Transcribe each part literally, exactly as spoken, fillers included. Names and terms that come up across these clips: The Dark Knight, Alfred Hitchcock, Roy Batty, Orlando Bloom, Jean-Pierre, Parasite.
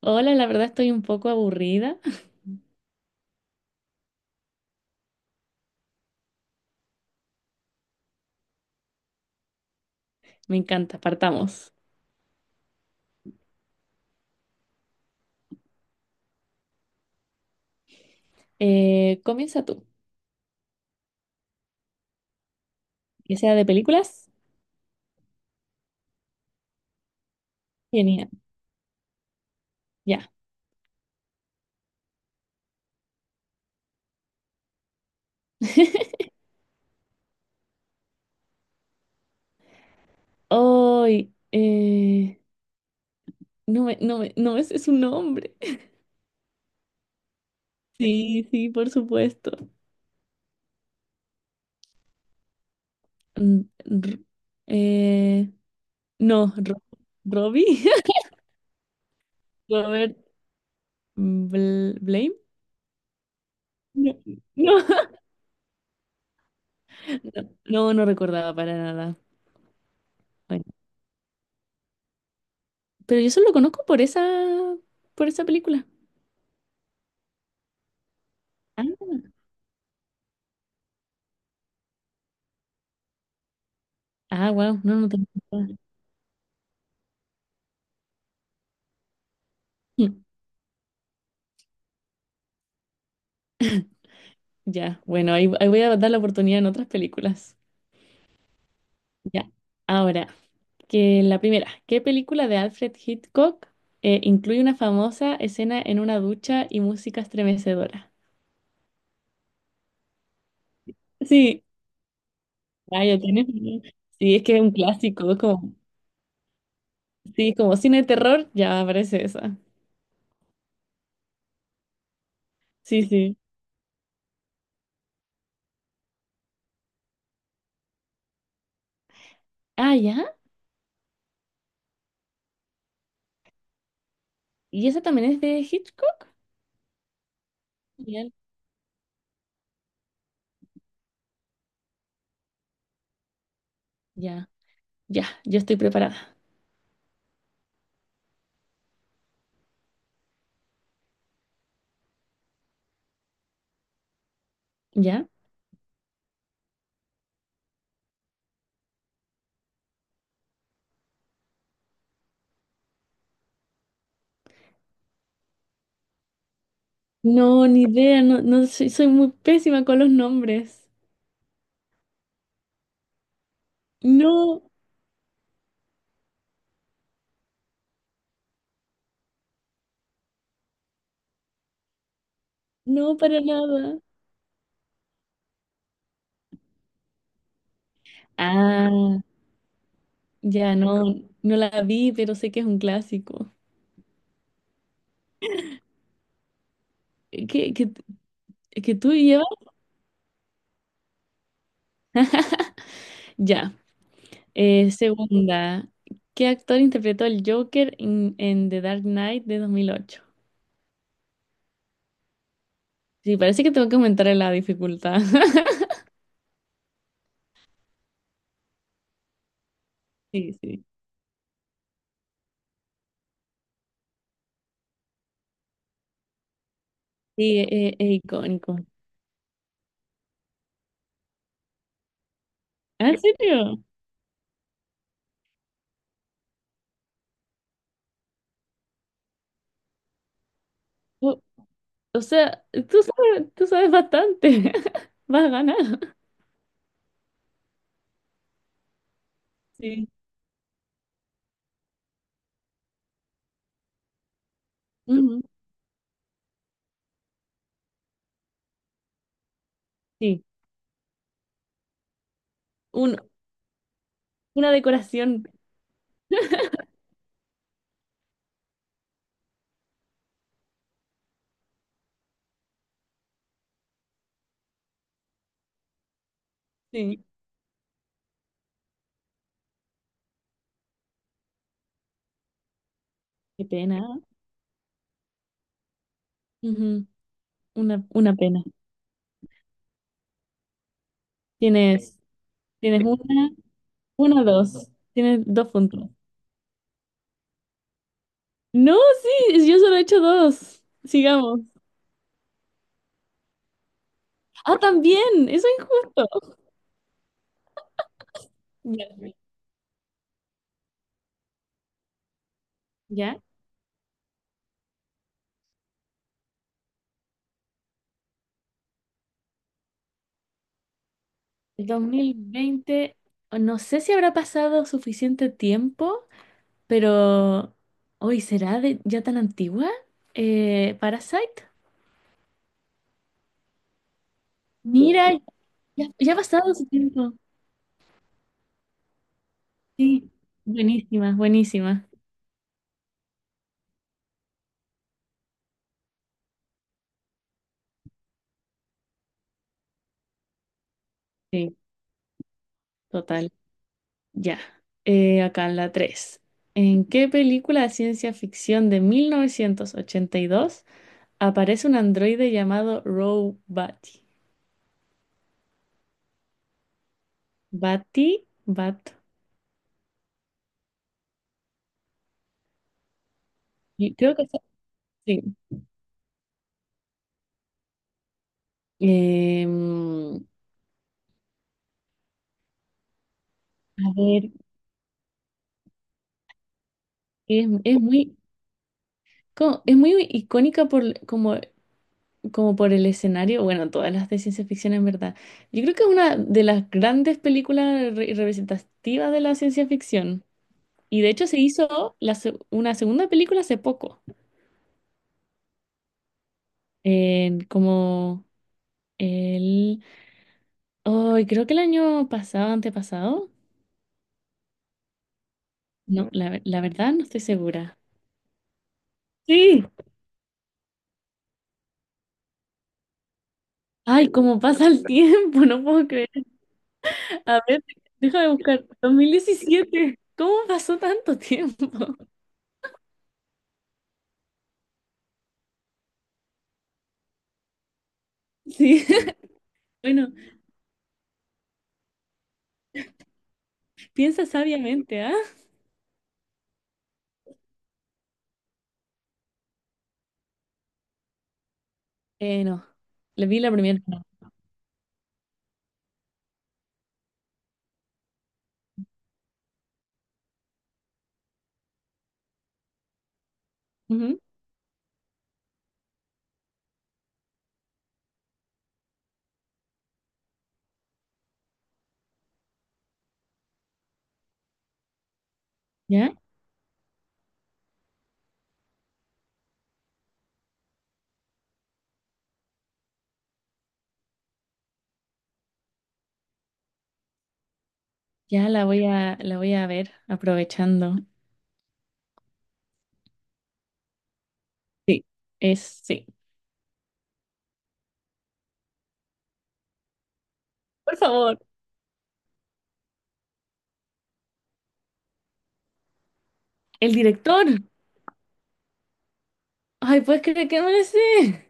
Hola, la verdad estoy un poco aburrida. Me encanta, partamos. Eh, comienza tú. ¿Que sea de películas? Genial, ya. Hoy, eh, no me, no me, no me sé su nombre. Sí, sí, por supuesto. Mm, r- eh, no, Ro- Robbie, Robert Bl- Blame. No, no, no, no recordaba para nada. Bueno, pero yo solo lo conozco por esa, por esa película. Ah, wow, no, no tengo idea. Ya, bueno, ahí, ahí voy a dar la oportunidad en otras películas. Ya. Ahora, que la primera, ¿qué película de Alfred Hitchcock eh, incluye una famosa escena en una ducha y música estremecedora? Sí, vaya, tienes. Sí, es que es un clásico, es como, sí, como cine de terror, ya aparece esa. Sí, sí. Ah, ya. ¿Y esa también es de Hitchcock? Genial. Ya, ya, yo estoy preparada. ¿Ya? No, ni idea, no, no soy, soy muy pésima con los nombres. No. No, para nada. Ah, ya no, no la vi, pero sé que es un clásico. ¿Qué, qué- que tú llevas? Ya. Eh, segunda, ¿qué actor interpretó el Joker en, en The Dark Knight de dos mil ocho? Sí, parece que tengo que aumentar la dificultad. Sí, sí. Sí, e- es icónico. Ah, ¿en serio? O, o sea, tú sabes, tú sabes bastante. Vas a ganar. Sí. Ujú. Sí. Un- una decoración. Sí. Qué pena. Ujú. Una, una pena. Tienes, tienes una, una, dos. Tienes dos puntos. No, sí, yo solo he hecho dos. Sigamos. Ah, también, eso es injusto. Ya. Ya, el dos mil veinte no sé si habrá pasado suficiente tiempo, pero hoy será de, ya tan antigua. Eh, Parasite. Mira, ya, ya ha pasado su tiempo. Sí, buenísima, buenísima. Sí, total. Ya, eh, acá en la tres. ¿En qué película de ciencia ficción de mil novecientos ochenta y dos aparece un androide llamado Roe Batty? Batty, Bat. Y creo que es- sí. Em, a ver, es, es muy, co- es muy icónica por, como, como por el escenario. Bueno, todas las de ciencia ficción en verdad. Yo creo que es una de las grandes películas re- representativas de la ciencia ficción. Y de hecho se hizo la se- una segunda película hace poco, en como el... Ay, creo que el año pasado, antepasado. No, la, ver- la verdad no estoy segura. Sí. Ay, cómo pasa el tiempo, no puedo creer. A ver, déjame buscar. Dos mil diecisiete. ¿Cómo pasó tanto tiempo? Sí. Bueno, piensa sabiamente, ¿ah? Eh, no, le vi la primera. No. Ujú. ¿Ya? Ya la voy a, la voy a ver aprovechando. Sí, es, sí. Por favor. El director. Ay, ¿puedes creer que no lo sé?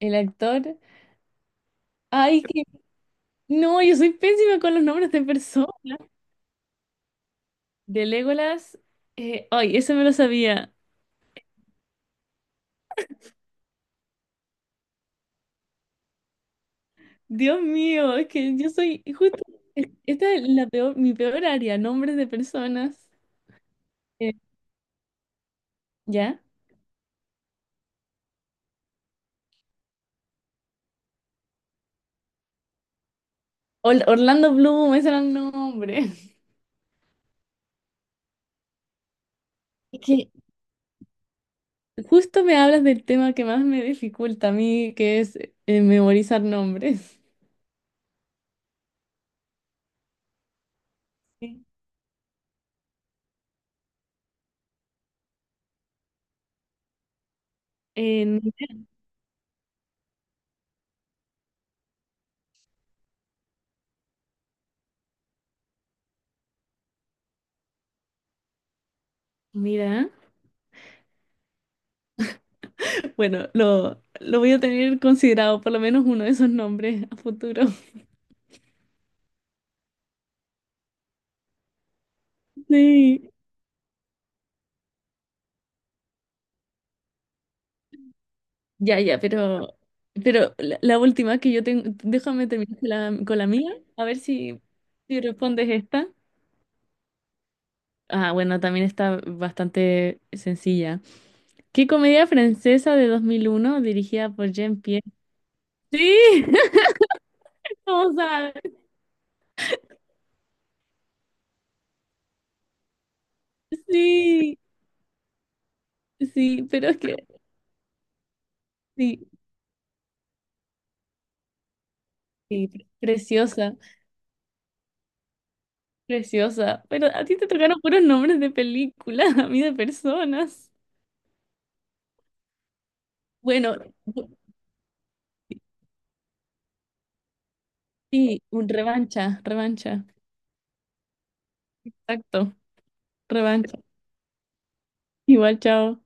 El actor. Ay, que. No, yo soy pésima con los nombres de personas. De Legolas. eh, Ay, eso me lo sabía. Dios mío, es que yo soy. Justo. es- Esta es la peor, mi peor área, nombres de personas. Eh, ¿Ya? Or- Orlando Bloom, ese era el nombre. Es que justo me hablas del tema que más me dificulta a mí, que es eh, memorizar nombres. Sí. Eh, Mira. Bueno, lo, lo voy a tener considerado por lo menos uno de esos nombres a futuro. Sí. Ya, ya, pero, pero la, la última que yo tengo, déjame terminar con la, con la mía, a ver si, si respondes esta. Ah, bueno, también está bastante sencilla. ¿Qué comedia francesa de dos mil uno dirigida por Jean-Pierre? Sí, vamos a ver. Sí, sí, pero es que sí, sí, pre- preciosa. Preciosa. Pero a ti te tocaron puros nombres de películas, a mí de personas. Bueno, sí, un revancha, revancha. Exacto, revancha. Igual, chao.